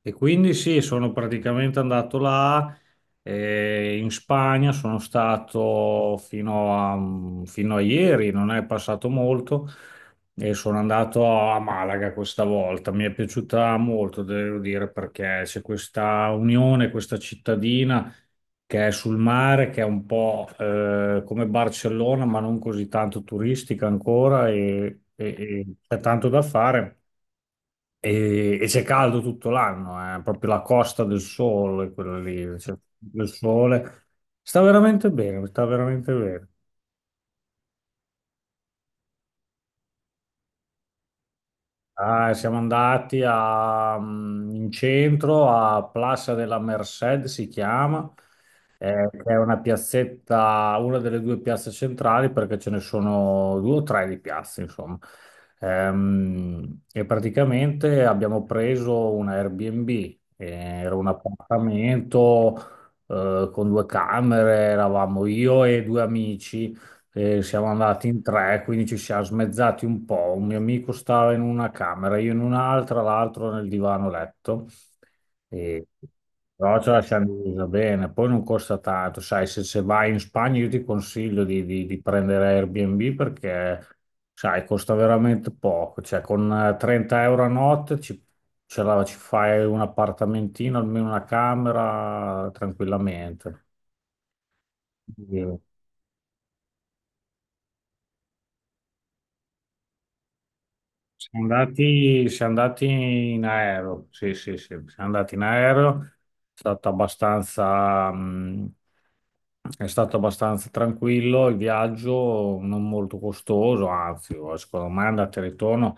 E quindi sì, sono praticamente andato là, in Spagna, sono stato fino a ieri, non è passato molto, e sono andato a Malaga questa volta. Mi è piaciuta molto, devo dire, perché c'è questa unione, questa cittadina che è sul mare, che è un po' come Barcellona, ma non così tanto turistica ancora e e c'è tanto da fare. E c'è caldo tutto l'anno, proprio la costa del sole, quella lì, cioè, il sole. Sta veramente bene, sta veramente bene. Ah, siamo andati in centro a Plaza della Merced, si chiama, che è una piazzetta, una delle due piazze centrali, perché ce ne sono due o tre di piazze, insomma. E praticamente abbiamo preso un Airbnb, era un appartamento, con due camere, eravamo io e due amici. E siamo andati in tre, quindi ci siamo smezzati un po'. Un mio amico stava in una camera, io in un'altra, l'altro nel divano letto. E... Però ce la siamo divisa bene. Poi non costa tanto, sai, se vai in Spagna io ti consiglio di prendere Airbnb perché, sai, costa veramente poco. Cioè, con 30 euro a notte ci fai un appartamentino, almeno una camera, tranquillamente. Siamo andati in aereo, sì, sì, sì, siamo andati in aereo, è stato è stato abbastanza tranquillo il viaggio, non molto costoso, anzi, secondo me andata e ritorno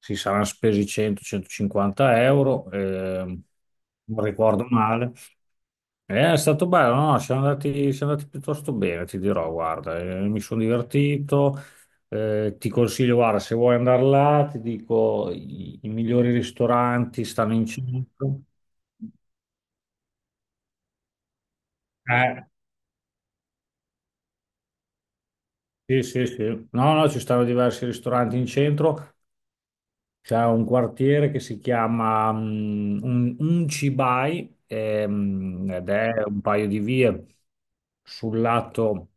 si saranno spesi 100-150 euro, non ricordo male. È stato bello, no? Siamo andati piuttosto bene, ti dirò, guarda, mi sono divertito, ti consiglio, guarda, se vuoi andare là, ti dico, i migliori ristoranti stanno in centro. Eh, sì, sì, sì. No, no, ci stanno diversi ristoranti in centro. C'è un quartiere che si chiama Uncibai, ed è un paio di vie sul lato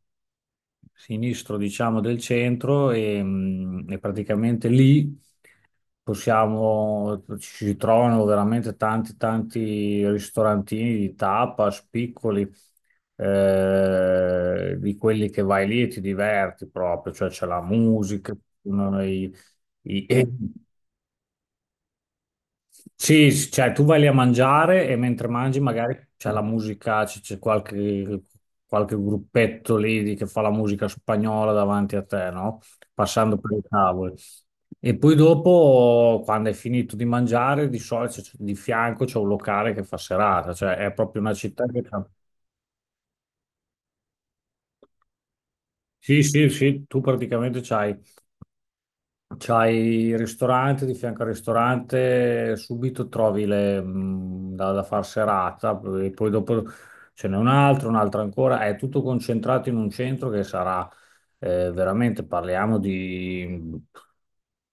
sinistro, diciamo, del centro e e praticamente lì ci si trovano veramente tanti ristorantini di tapas piccoli, di quelli che vai lì e ti diverti proprio, cioè c'è la musica, uno dei- i- Sì, cioè tu vai lì a mangiare e mentre mangi magari c'è la musica, c'è qualche, qualche gruppetto lì che fa la musica spagnola davanti a te, no? Passando per i tavoli. E poi dopo, quando hai finito di mangiare, di solito di fianco c'è un locale che fa serata, cioè è proprio una città che... Sì, sì, sì, tu praticamente c'hai. C'hai il ristorante, di fianco al ristorante subito trovi le, da far serata, e poi dopo ce n'è un altro ancora, è tutto concentrato in un centro che sarà veramente, parliamo di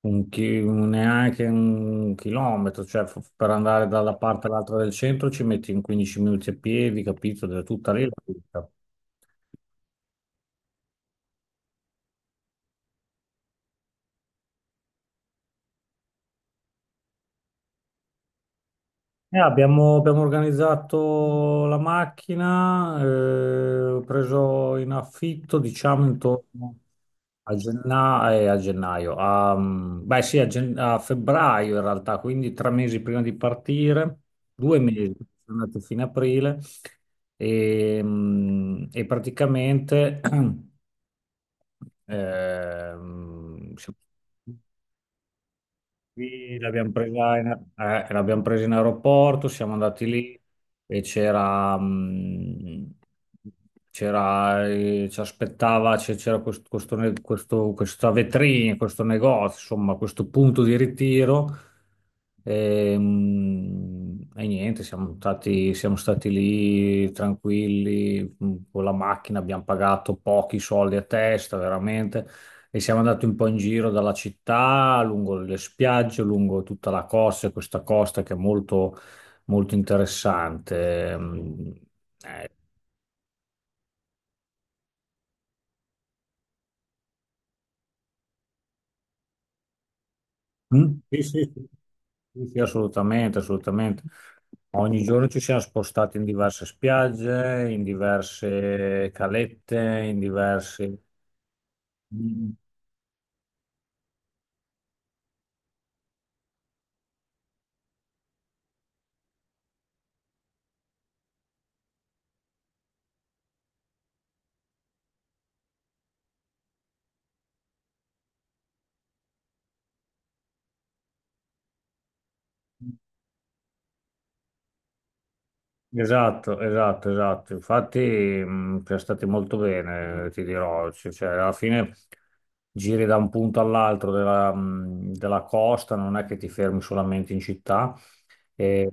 neanche un chilometro, cioè per andare dalla parte all'altra del centro ci metti in 15 minuti a piedi, capito? Da tutta lì la vita. Abbiamo organizzato la macchina, ho preso in affitto, diciamo, intorno a gennaio, beh sì, a febbraio in realtà, quindi tre mesi prima di partire, due mesi, sono andato fino a aprile e praticamente ehm, qui l'abbiamo presa in aeroporto, siamo andati lì e c'era, ci aspettava, c'era questo questa vetrina, questo negozio, insomma, questo punto di ritiro. E niente, siamo stati lì tranquilli, con la macchina, abbiamo pagato pochi soldi a testa, veramente. E siamo andati un po' in giro dalla città, lungo le spiagge, lungo tutta la costa, e questa costa che è molto interessante. Eh, Mm? Sì, sì, sì, sì, sì, assolutamente, assolutamente. Ogni giorno ci siamo spostati in diverse spiagge, in diverse calette, in diverse... Esatto, esatto, esatto. Infatti, è stato molto bene, ti dirò. Cioè, alla fine giri da un punto all'altro della, della costa, non è che ti fermi solamente in città e,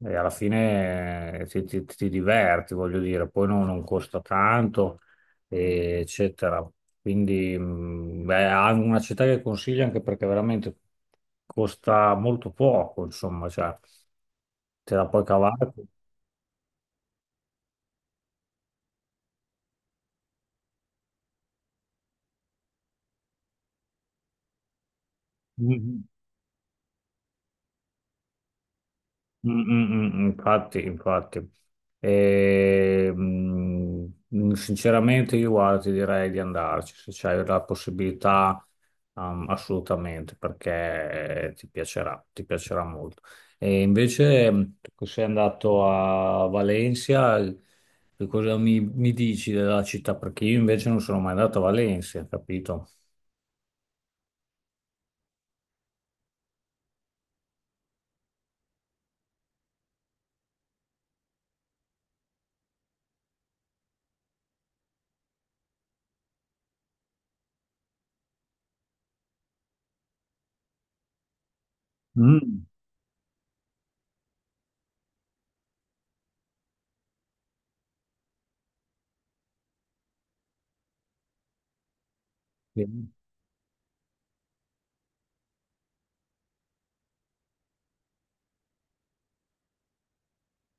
e alla fine ti diverti, voglio dire. Poi non costa tanto, eccetera. Quindi, beh, è una città che consiglio anche perché veramente costa molto poco, insomma, cioè, te la puoi cavare. Mm-hmm. Infatti, infatti. E, mm, Sinceramente io guarda, ti direi di andarci se c'hai la possibilità, assolutamente, perché ti piacerà molto. E invece, tu che sei andato a Valencia, che cosa mi dici della città? Perché io invece non sono mai andato a Valencia, capito? Mm. Sì.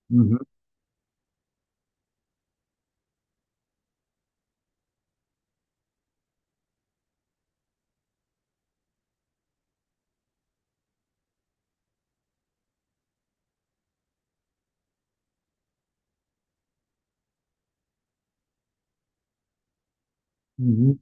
Mhm, mhm,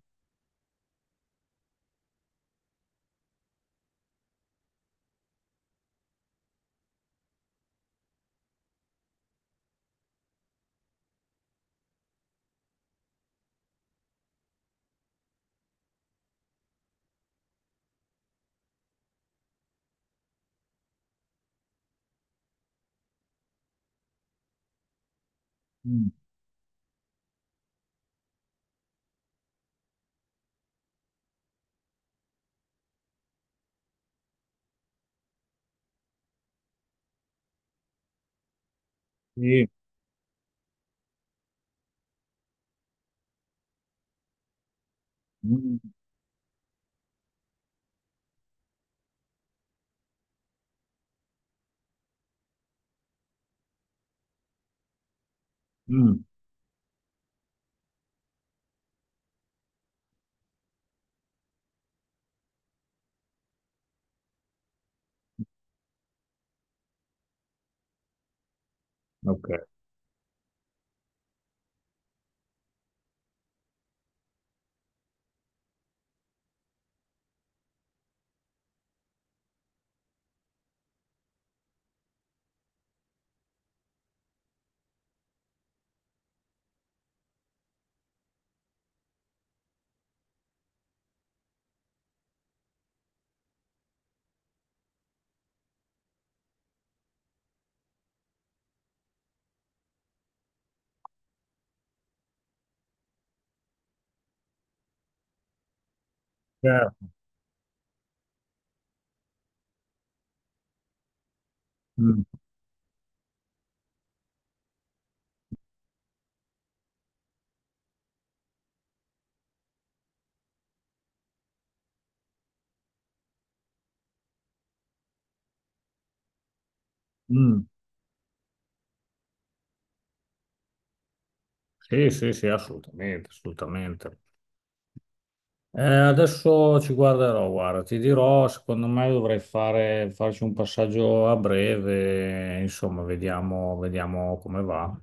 mm. Sì. Mm, mm. Ok, certo. Mm, sì, sì, sì, assolutamente, assolutamente. Adesso ci guarderò, guarda, ti dirò, secondo me dovrei farci un passaggio a breve, insomma, vediamo come va.